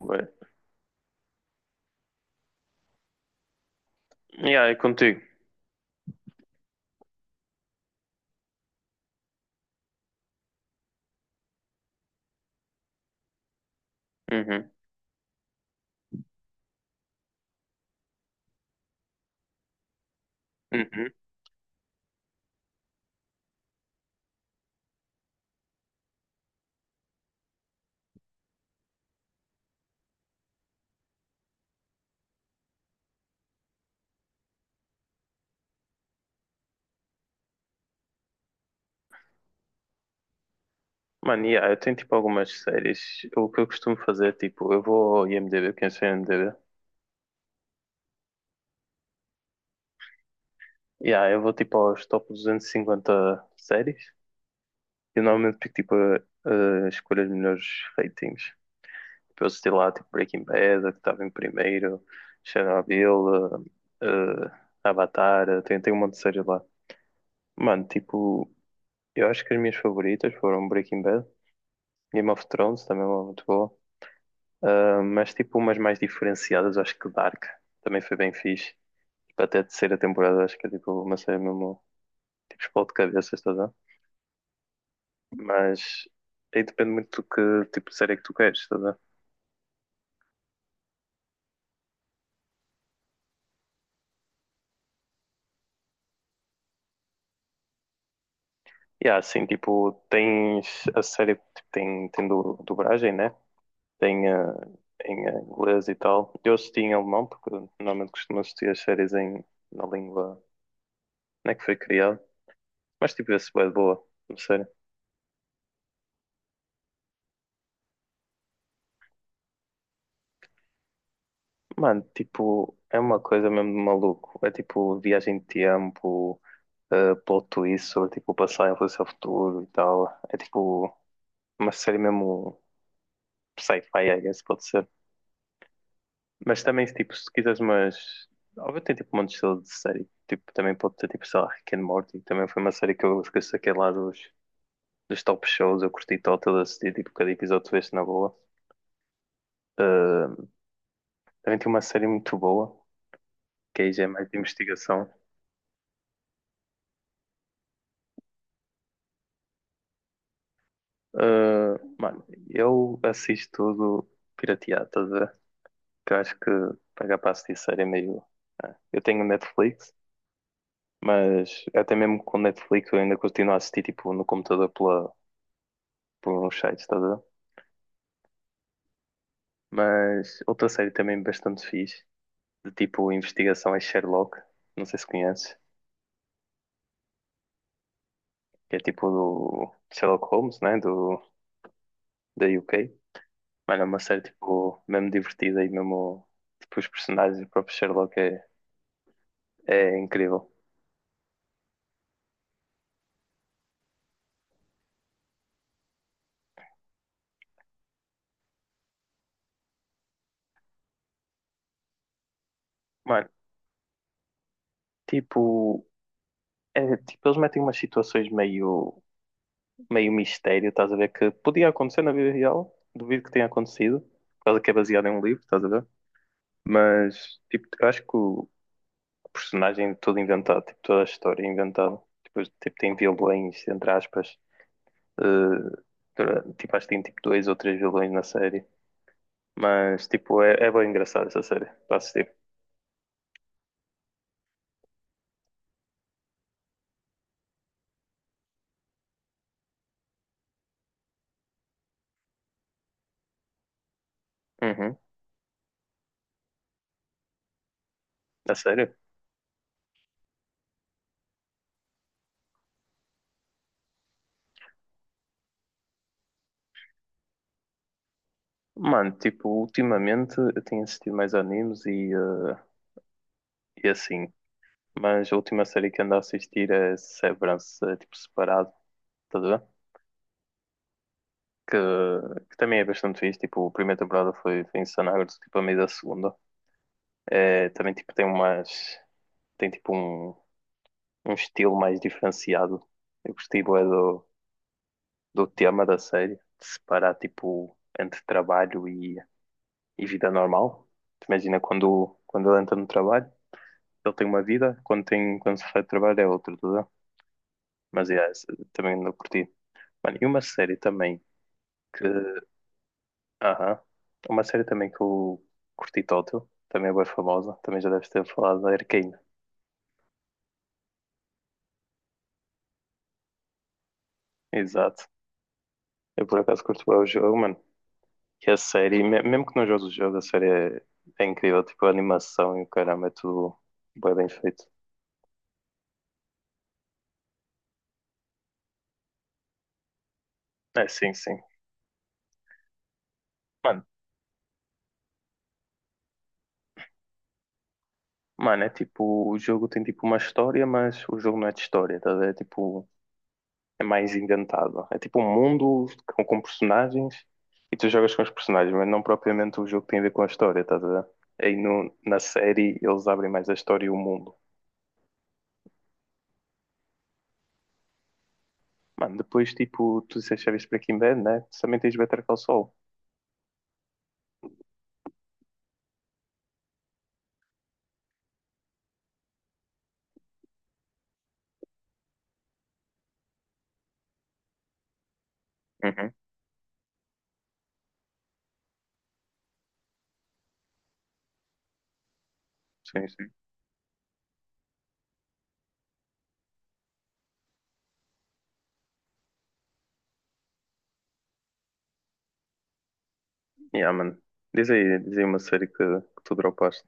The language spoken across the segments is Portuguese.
Ué. Yeah, é contigo. Uhum. Uhum. Mano, yeah, eu tenho tipo algumas séries. O que eu costumo fazer, tipo, eu vou ao IMDb, quem sei o IMDb. Yeah, eu vou tipo aos top 250 séries. E normalmente pico tipo a escolher os melhores ratings. Tipo, eu assisti lá tipo Breaking Bad, a que estava em primeiro, Chernobyl, eh, eh, Avatar, tem um monte de séries lá. Mano, tipo, eu acho que as minhas favoritas foram Breaking Bad, Game of Thrones também é uma muito boa. Ah, mas tipo umas mais diferenciadas, acho que Dark também foi bem fixe. Tipo, até a terceira temporada, acho que é tipo uma série mesmo, tipo, explode cabeças, estás a ver? Mas aí depende muito do que tipo de série que tu queres, estás a ver? E há, assim, tipo, tens a série, tipo, tem dublagem, né? Tem em inglês e tal. Eu assisti em alemão, porque normalmente costumo assistir as séries em, na língua, não é que foi criada. Mas tipo, esse é boa, não sei. Mano, tipo, é uma coisa mesmo de maluco. É tipo viagem de tempo, plot twist sobre tipo o passado, influência ao futuro e tal. É tipo uma série mesmo sci-fi, I guess, pode ser. Mas também, tipo, se quiseres, mas. Óbvio, tem tipo um monte de estilo de série. Tipo, também pode ter tipo, sei lá, Rick and Morty. Também foi uma série que eu esqueci aquele lá dos top shows. Eu curti total, assisti tipo cada episódio tu vês na boa. Uh, também tem uma série muito boa, que aí já é mais de investigação. Mano, eu assisto tudo pirateado, estás a ver? Que eu acho que pagar para assistir série é meio. Eu tenho Netflix, mas até mesmo com Netflix eu ainda continuo a assistir tipo no computador pela, por uns sites, estás a ver? Mas outra série também bastante fixe, de tipo investigação é Sherlock, não sei se conheces, que é tipo do Sherlock Holmes, né? Do, da UK. Mano, é uma série tipo mesmo divertida e mesmo tipo, os personagens do próprio Sherlock é incrível. Mano, tipo, é, tipo, eles metem umas situações meio, meio mistério, estás a ver? Que podia acontecer na vida real, duvido que tenha acontecido, por causa que é baseado em um livro, estás a ver? Mas, tipo, eu acho que o personagem é todo inventado, tipo, toda a história é inventada. Depois, tipo, tem vilões, entre aspas, eh, tipo, acho que tem tipo dois ou três vilões na série. Mas, tipo, é bem engraçado essa série, para assistir. Uhum, a sério? Mano, tipo, ultimamente eu tenho assistido mais animes e assim. Mas a última série que ando a assistir é Severance, tipo, separado, tá a ver? Que, que também é bastante fixe. Tipo, a primeira temporada foi insana, agora estou, tipo, a meio da segunda. É, também, tipo, tem umas. Tem, tipo, um estilo mais diferenciado. Eu gostei, bué, do tema da série. De separar, tipo, entre trabalho e vida normal. Tu imagina quando ele entra no trabalho, ele tem uma vida. Quando se faz trabalho é outra, tá a ver? Mas, também não curti. Mano, e uma série também que, aham. Uma série também que eu curti Tótil, também é bem famosa, também já deves ter falado da Arcane. Exato. Eu por acaso curto bem o jogo, mano. E a série, mesmo que não jogues o jogo, a série é incrível, tipo a animação e o caramba, é tudo bem, bem feito. É, sim, sim. Mano, mano, é tipo, o jogo tem tipo uma história, mas o jogo não é de história, tá a ver? É tipo é mais inventado. É tipo um mundo com personagens e tu jogas com os personagens, mas não propriamente o jogo tem a ver com a história, estás a ver? Aí no, na série eles abrem mais a história e o mundo. Mano, depois tipo, tu disseste já viste Breaking Bad, né? Tu também tens Better Call Saul. Uhum, sim, sim. Yeah, mano. Diz aí uma série que tu dropaste.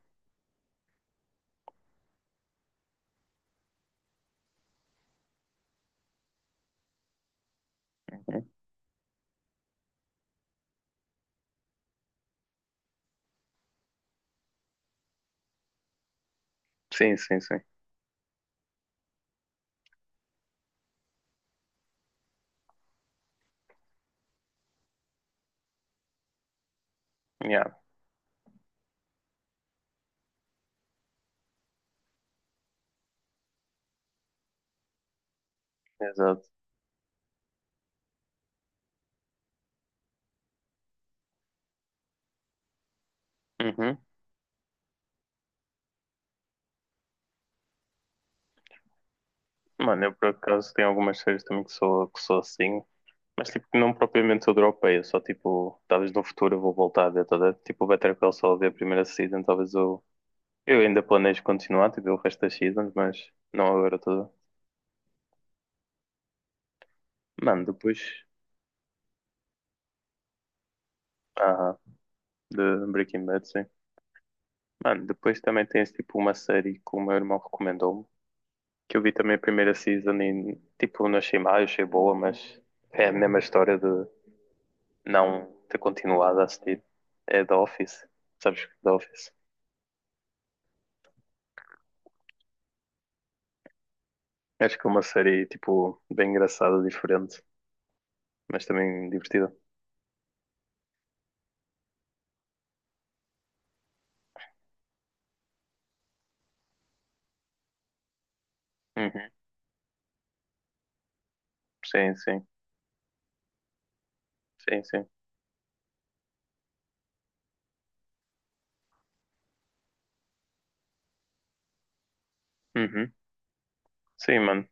Uhum. Sim, sim, sim. Yeah, exato. Uhum. Mano, eu por acaso tenho algumas séries também que sou assim. Mas tipo, não propriamente toda europeia, só tipo, talvez no futuro eu vou voltar a ver toda, tipo, o Better Call Saul ver a primeira season, talvez eu ainda planejo continuar, tipo, o resto das seasons, mas não agora toda. Mano, depois, ah, de Breaking Bad, sim. Mano, depois também tens tipo uma série que o meu irmão recomendou-me, que eu vi também a primeira season e tipo, não achei mal, achei boa, mas é a mesma história de não ter continuado a assistir. É The Office, sabes que The Office? Acho que é uma série, tipo, bem engraçada, diferente, mas também divertida. Uhum. Sim, sim. Sim, sim. Uhum. Sim, mano.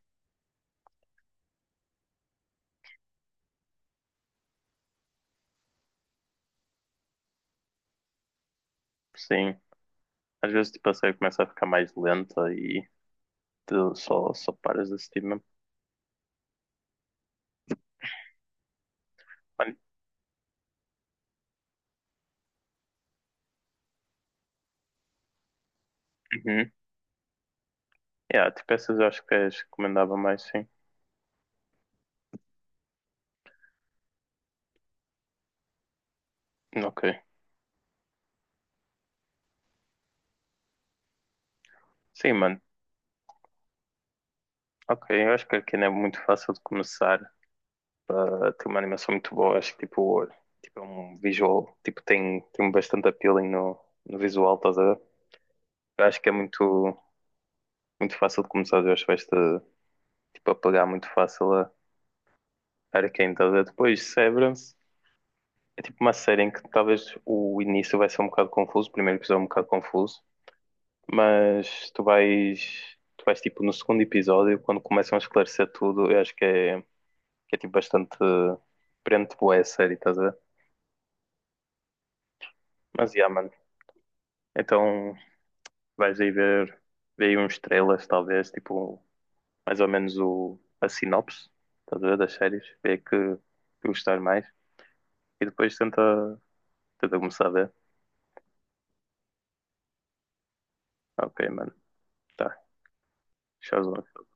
Sim. Às vezes, tipo, a série começa a ficar mais lenta e tu só paras de assistir mesmo. Mano. Uhum. Yeah, tipo, essas eu acho que as recomendava mais, sim. Ok. Sim, mano. Ok, eu acho que aqui não é muito fácil de começar para ter uma animação muito boa. Acho que, tipo, é um visual, tipo, tem bastante appealing no visual, estás a ver? Eu acho que é muito fácil de começar, eu acho que vais-te tipo, a pegar muito fácil a Arcane, estás a ver? Depois Severance é tipo uma série em que talvez o início vai ser um bocado confuso, o primeiro episódio é um bocado confuso, mas tu vais tipo no segundo episódio, quando começam a esclarecer tudo, eu acho que é, tipo bastante prende boa a série, estás a ver? Mas yeah, mano, então vais aí ver aí uns trailers, talvez, tipo, mais ou menos o, a sinopse, estás a ver, das séries, ver que gostar mais. E depois tenta começar a ver. Ok, mano, tá, Shazam.